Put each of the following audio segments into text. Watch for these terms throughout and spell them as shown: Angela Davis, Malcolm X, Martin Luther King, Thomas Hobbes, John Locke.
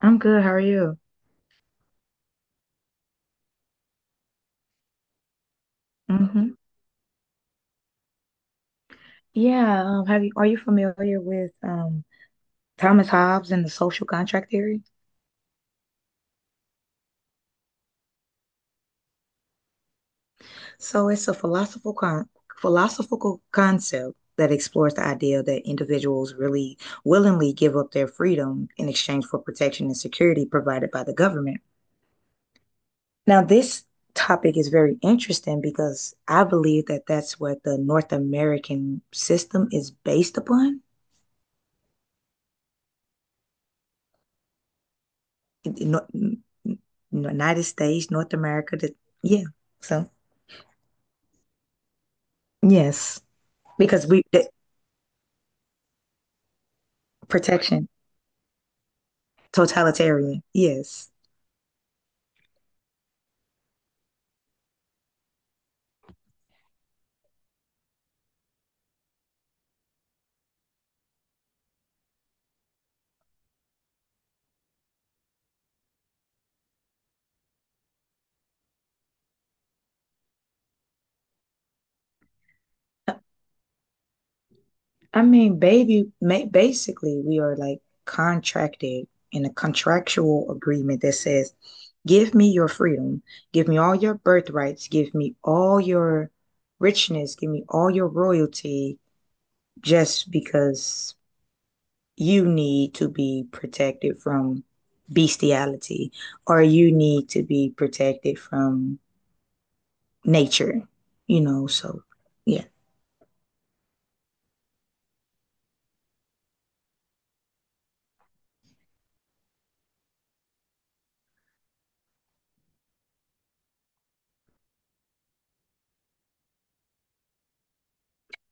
I'm good. How are you? hmm Yeah. Are you familiar with Thomas Hobbes and the social contract theory? So it's a philosophical concept that explores the idea that individuals really willingly give up their freedom in exchange for protection and security provided by the government. Now, this topic is very interesting because I believe that that's what the North American system is based upon. In United States, North America. The, yeah. So yes, because protection, totalitarian. Yes. I mean, baby, basically, we are like contracted in a contractual agreement that says, give me your freedom, give me all your birthrights, give me all your richness, give me all your royalty just because you need to be protected from bestiality or you need to be protected from nature, So, yeah.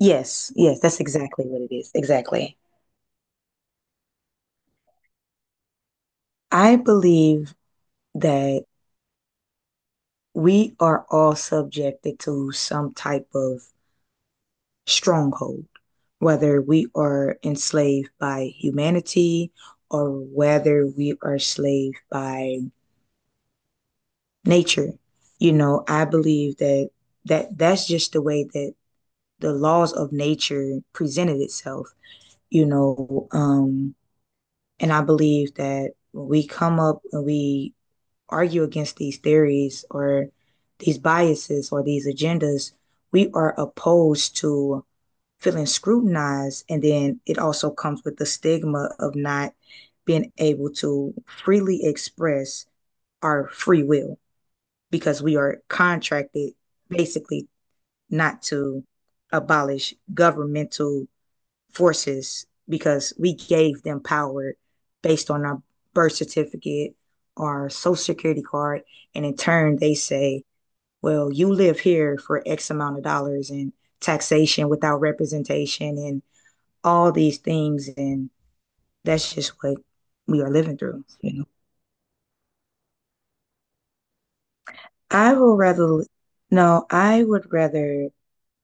Yes, yes, that's exactly what it is. Exactly. I believe that we are all subjected to some type of stronghold, whether we are enslaved by humanity or whether we are enslaved by nature. You know, I believe that that's just the way that the laws of nature presented itself. You know, um, and I believe that when we come up and we argue against these theories or these biases or these agendas, we are opposed to feeling scrutinized. And then it also comes with the stigma of not being able to freely express our free will because we are contracted basically not to abolish governmental forces because we gave them power based on our birth certificate, our social security card, and in turn they say, well, you live here for X amount of dollars and taxation without representation and all these things, and that's just what we are living through. I will rather no, I would rather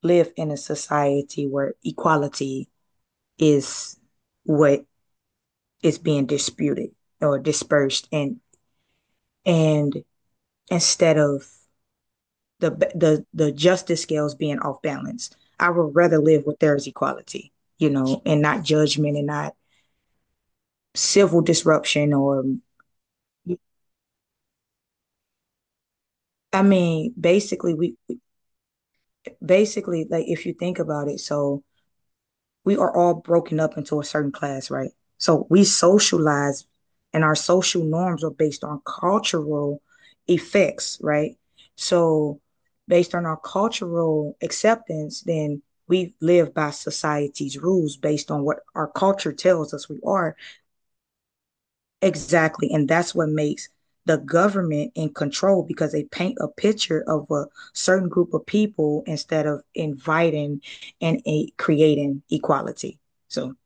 live in a society where equality is what is being disputed or dispersed, and instead of the the justice scales being off balance, I would rather live where there is equality, you know, and not judgment and not civil disruption or i mean basically we basically, like, if you think about it, so we are all broken up into a certain class, right? So we socialize and our social norms are based on cultural effects, right? So based on our cultural acceptance, then we live by society's rules based on what our culture tells us we are, exactly. And that's what makes the government in control because they paint a picture of a certain group of people instead of inviting and a, creating equality. So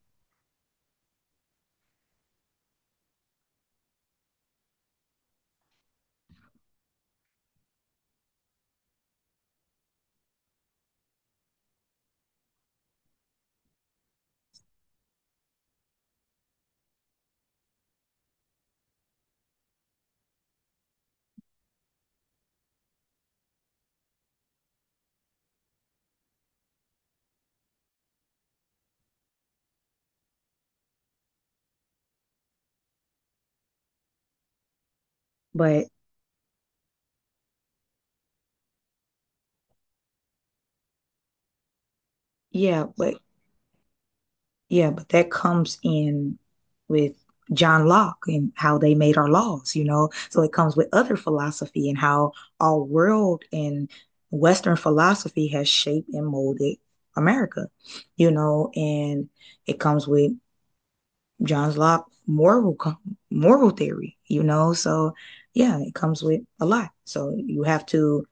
But yeah, but yeah, but that comes in with John Locke and how they made our laws, you know. So it comes with other philosophy and how our world and Western philosophy has shaped and molded America, you know, and it comes with John Locke moral theory, you know. So yeah, it comes with a lot. So you have to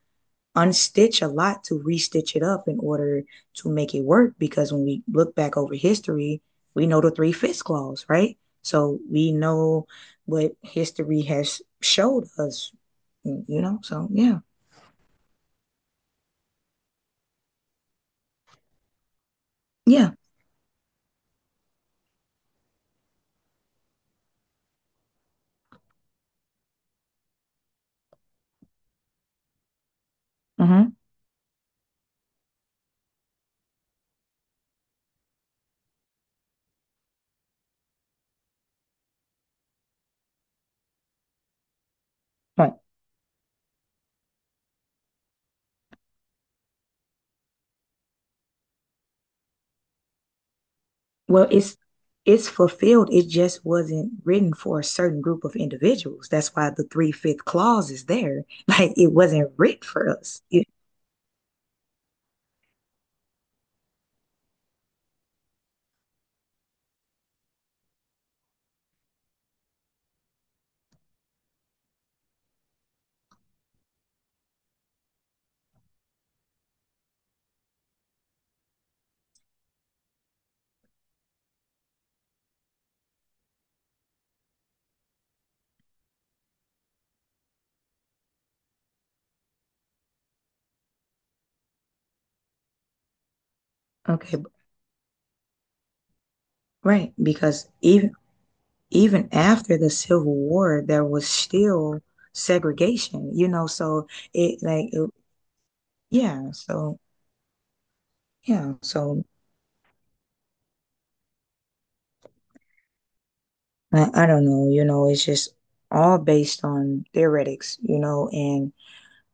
unstitch a lot to restitch it up in order to make it work. Because when we look back over history, we know the three fifths clause, right? So we know what history has showed us, you know? So yeah, yeah. Mm-hmm. Right. Well, it's fulfilled. It just wasn't written for a certain group of individuals. That's why the three fifth clause is there. Like it wasn't written for us. You, okay, right, because even even after the Civil War, there was still segregation, you know, so it like it- yeah, so yeah, so I don't know, you know, it's just all based on theoretics, you know, and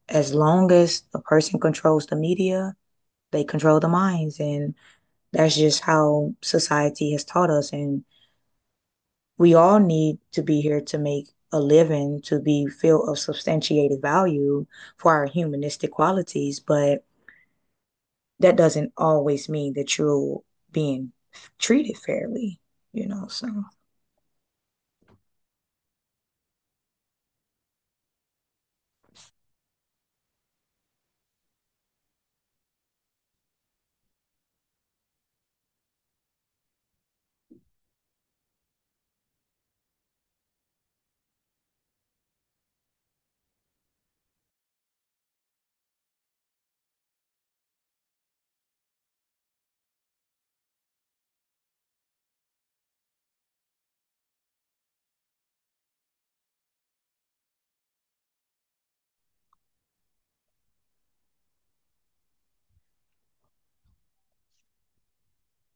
as long as a person controls the media, they control the minds and that's just how society has taught us. And we all need to be here to make a living, to be filled of substantiated value for our humanistic qualities. But that doesn't always mean that you're being treated fairly, you know? So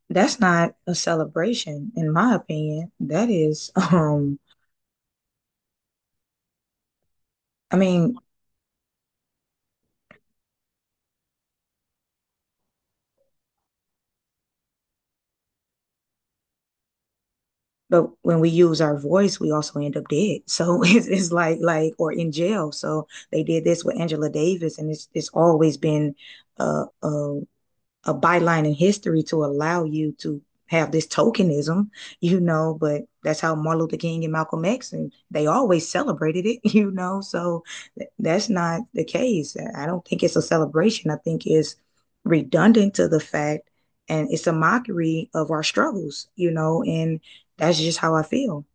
that's not a celebration, in my opinion. That is, I mean, but when we use our voice we also end up dead, so it's like or in jail, so they did this with Angela Davis, and it's always been a. uh a byline in history to allow you to have this tokenism, you know, but that's how Martin Luther King and Malcolm X and they always celebrated it, you know. So that's not the case. I don't think it's a celebration. I think it's redundant to the fact, and it's a mockery of our struggles, you know, and that's just how I feel.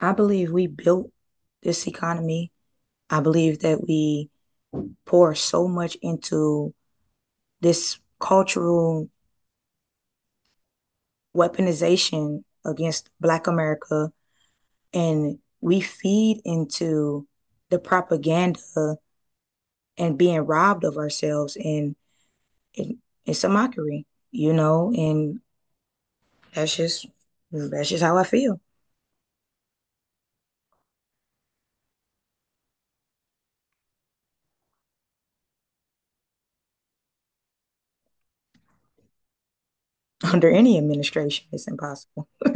I believe we built this economy. I believe that we pour so much into this cultural weaponization against Black America, and we feed into the propaganda and being robbed of ourselves, and it, it's a mockery, you know. And that's just that's just how I feel. Under any administration, it's impossible.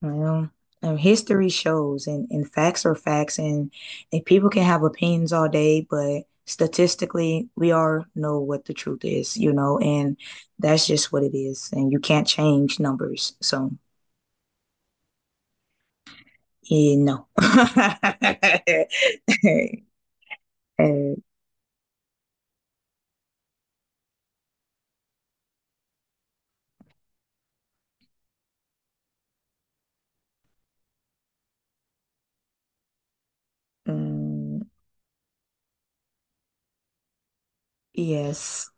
Well, history shows, and facts are facts, and people can have opinions all day, but statistically, we all know what the truth is, you know, and that's just what it is, and you can't change numbers, so yeah, no. Uh, mm, yes.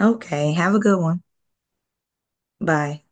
Okay. Have a good one. Bye.